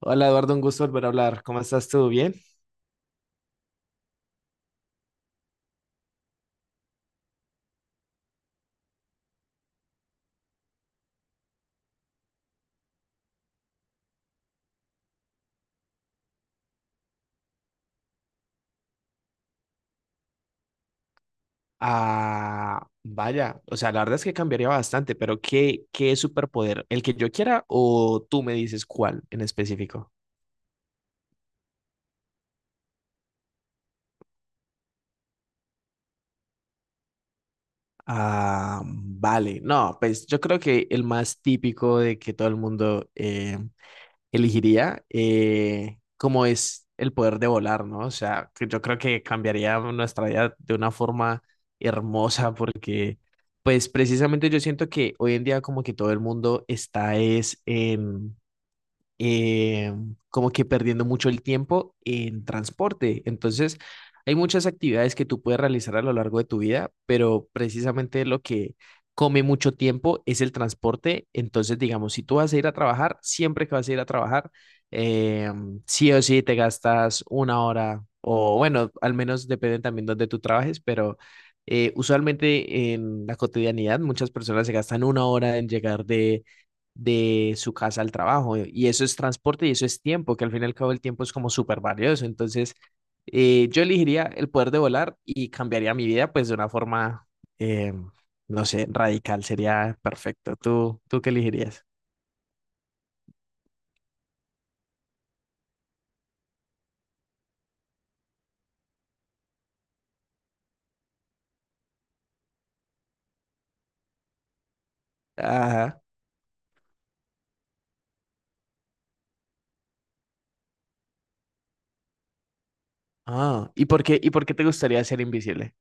Hola Eduardo, un gusto volver a hablar. ¿Cómo estás? ¿Todo bien? Ah, vaya, o sea, la verdad es que cambiaría bastante, pero ¿qué superpoder? ¿El que yo quiera o tú me dices cuál en específico? Ah, vale. No, pues yo creo que el más típico de que todo el mundo elegiría, como es el poder de volar, ¿no? O sea, que yo creo que cambiaría nuestra vida de una forma hermosa porque, pues precisamente yo siento que hoy en día como que todo el mundo está es en eh, como que perdiendo mucho el tiempo en transporte. Entonces, hay muchas actividades que tú puedes realizar a lo largo de tu vida, pero precisamente lo que come mucho tiempo es el transporte. Entonces, digamos, si tú vas a ir a trabajar, siempre que vas a ir a trabajar, eh, sí o sí te gastas una hora o bueno, al menos depende también donde tú trabajes, pero usualmente en la cotidianidad muchas personas se gastan una hora en llegar de su casa al trabajo. Y eso es transporte y eso es tiempo, que al fin y al cabo el tiempo es como súper valioso. Entonces, yo elegiría el poder de volar y cambiaría mi vida pues de una forma, eh, no sé, radical. Sería perfecto. ¿Tú qué elegirías? Ajá. Ah, y por qué te gustaría ser invisible?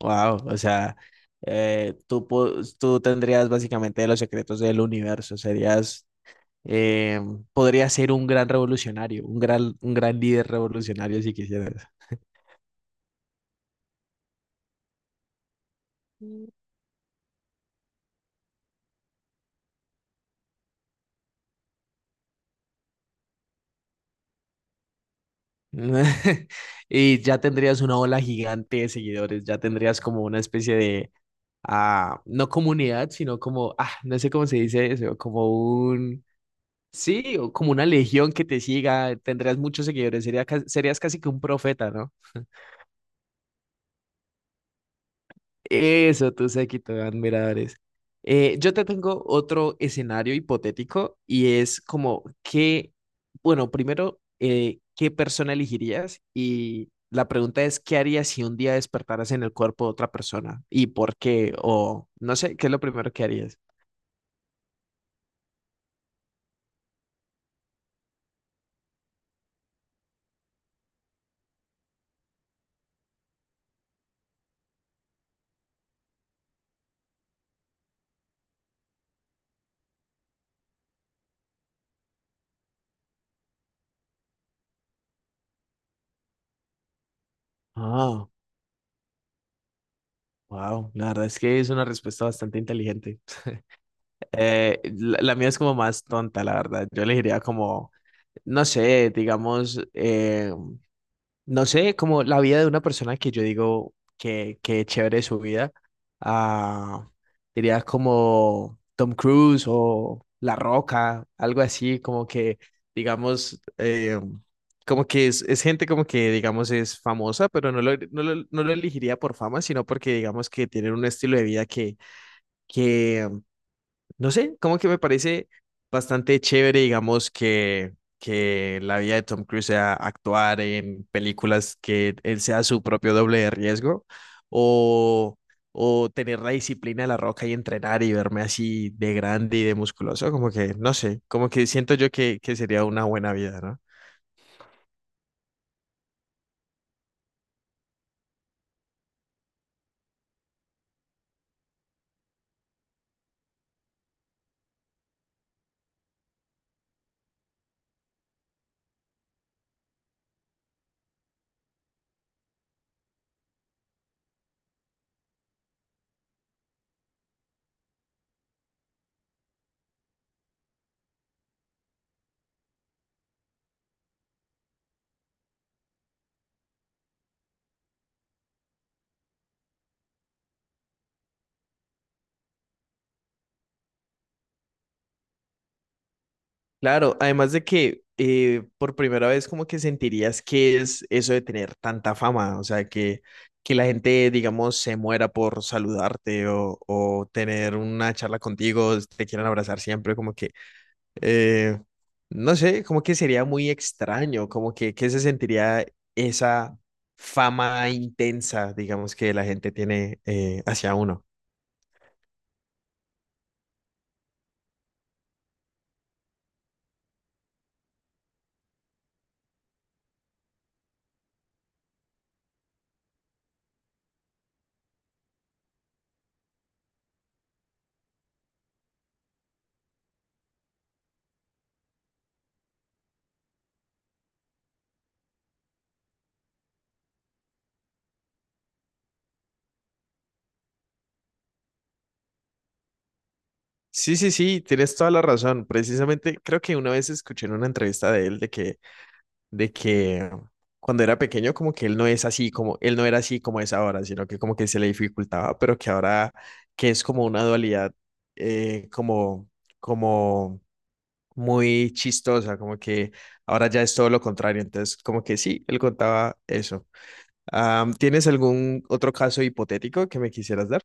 Wow, o sea, eh, tú, po- tú tendrías básicamente los secretos del universo, serías. Eh, podría ser un gran revolucionario, un gran líder revolucionario si quisieras. Y ya tendrías una ola gigante de seguidores, ya tendrías como una especie de, ah, no comunidad, sino como, ah, no sé cómo se dice eso, como un, sí, o como una legión que te siga, tendrías muchos seguidores, sería, serías casi que un profeta, ¿no? Eso, tus séquito, de admiradores. Yo te tengo otro escenario hipotético y es como que, bueno, primero, ¿qué persona elegirías? Y la pregunta es, ¿qué harías si un día despertaras en el cuerpo de otra persona? ¿Y por qué? O no sé, ¿qué es lo primero que harías? Ah, wow, la verdad es que es una respuesta bastante inteligente. La mía es como más tonta, la verdad. Yo elegiría como, no sé, digamos, no sé, como la vida de una persona que yo digo que chévere su vida, ah, diría como Tom Cruise o La Roca, algo así, como que, digamos, como que es gente como que, digamos, es famosa, pero no lo, no lo, no lo elegiría por fama, sino porque, digamos, que tienen un estilo de vida que no sé, como que me parece bastante chévere, digamos, que la vida de Tom Cruise sea actuar en películas que él sea su propio doble de riesgo o, o tener la disciplina de la roca y entrenar y verme así de grande y de musculoso, como que, no sé, como que siento yo que sería una buena vida, ¿no? Claro, además de que por primera vez como que sentirías que es eso de tener tanta fama, o sea, que la gente, digamos, se muera por saludarte o tener una charla contigo, te quieran abrazar siempre, como que, eh, no sé, como que sería muy extraño, como que se sentiría esa fama intensa, digamos, que la gente tiene hacia uno. Sí, sí, sí, tienes toda la razón. Precisamente creo que una vez escuché en una entrevista de él de que cuando era pequeño como que él no es así, como él no era así como es ahora, sino que como que se le dificultaba, pero que ahora que es como una dualidad como, como muy chistosa, como que ahora ya es todo lo contrario, entonces como que sí, él contaba eso. Am, ¿tienes algún otro caso hipotético que me quisieras dar?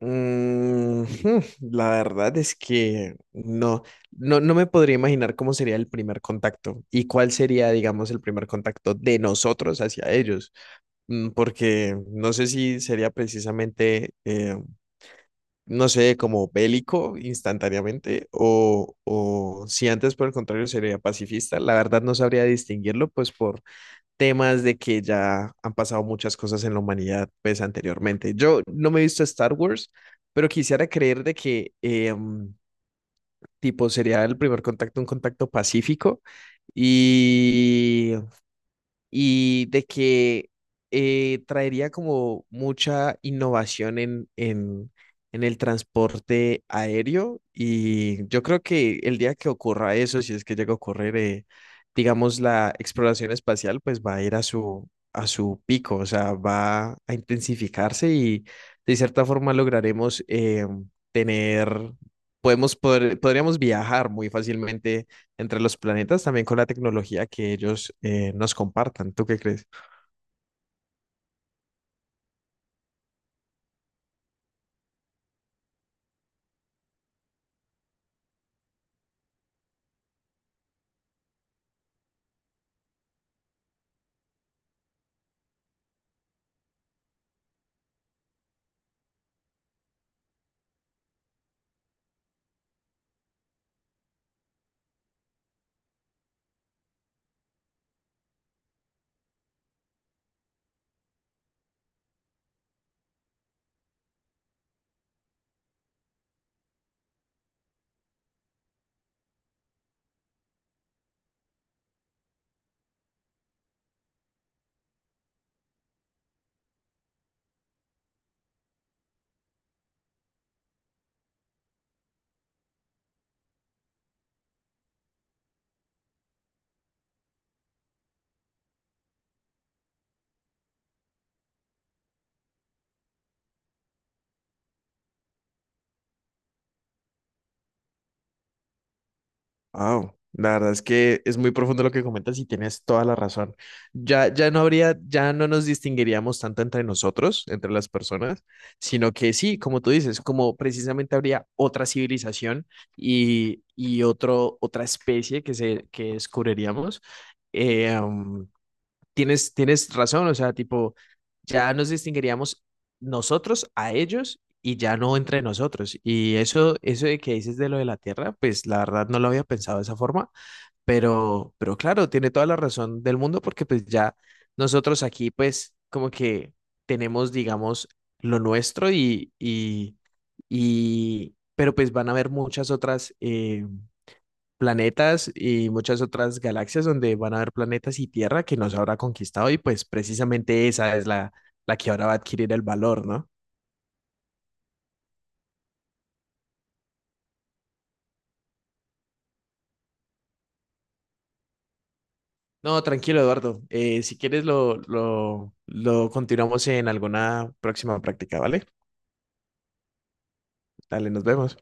Mm, la verdad es que no, no, no me podría imaginar cómo sería el primer contacto y cuál sería, digamos, el primer contacto de nosotros hacia ellos. Mm, porque no sé si sería precisamente, no sé, como bélico instantáneamente o si antes por el contrario sería pacifista. La verdad no sabría distinguirlo, pues por temas de que ya han pasado muchas cosas en la humanidad, pues anteriormente. Yo no me he visto Star Wars, pero quisiera creer de que, tipo, sería el primer contacto, un contacto pacífico y y de que traería como mucha innovación en el transporte aéreo y yo creo que el día que ocurra eso, si es que llega a ocurrir, digamos, la exploración espacial, pues va a ir a su pico, o sea, va a intensificarse y de cierta forma lograremos tener, podríamos viajar muy fácilmente entre los planetas, también con la tecnología que ellos nos compartan. ¿Tú qué crees? Wow, la verdad es que es muy profundo lo que comentas y tienes toda la razón. Ya, ya no habría, ya no nos distinguiríamos tanto entre nosotros, entre las personas, sino que sí, como tú dices, como precisamente habría otra civilización y otro, otra especie que, se, que descubriríamos. eh, um, tienes razón, o sea, tipo, ya nos distinguiríamos nosotros a ellos y ya no entre nosotros. Y eso de que dices de lo de la Tierra, pues la verdad no lo había pensado de esa forma, pero claro, tiene toda la razón del mundo porque pues ya nosotros aquí pues como que tenemos, digamos, lo nuestro y pero pues van a haber muchas otras planetas y muchas otras galaxias donde van a haber planetas y Tierra que nos habrá conquistado y pues precisamente esa es la, la que ahora va a adquirir el valor, ¿no? No, tranquilo, Eduardo. Si quieres lo continuamos en alguna próxima práctica, ¿vale? Dale, nos vemos.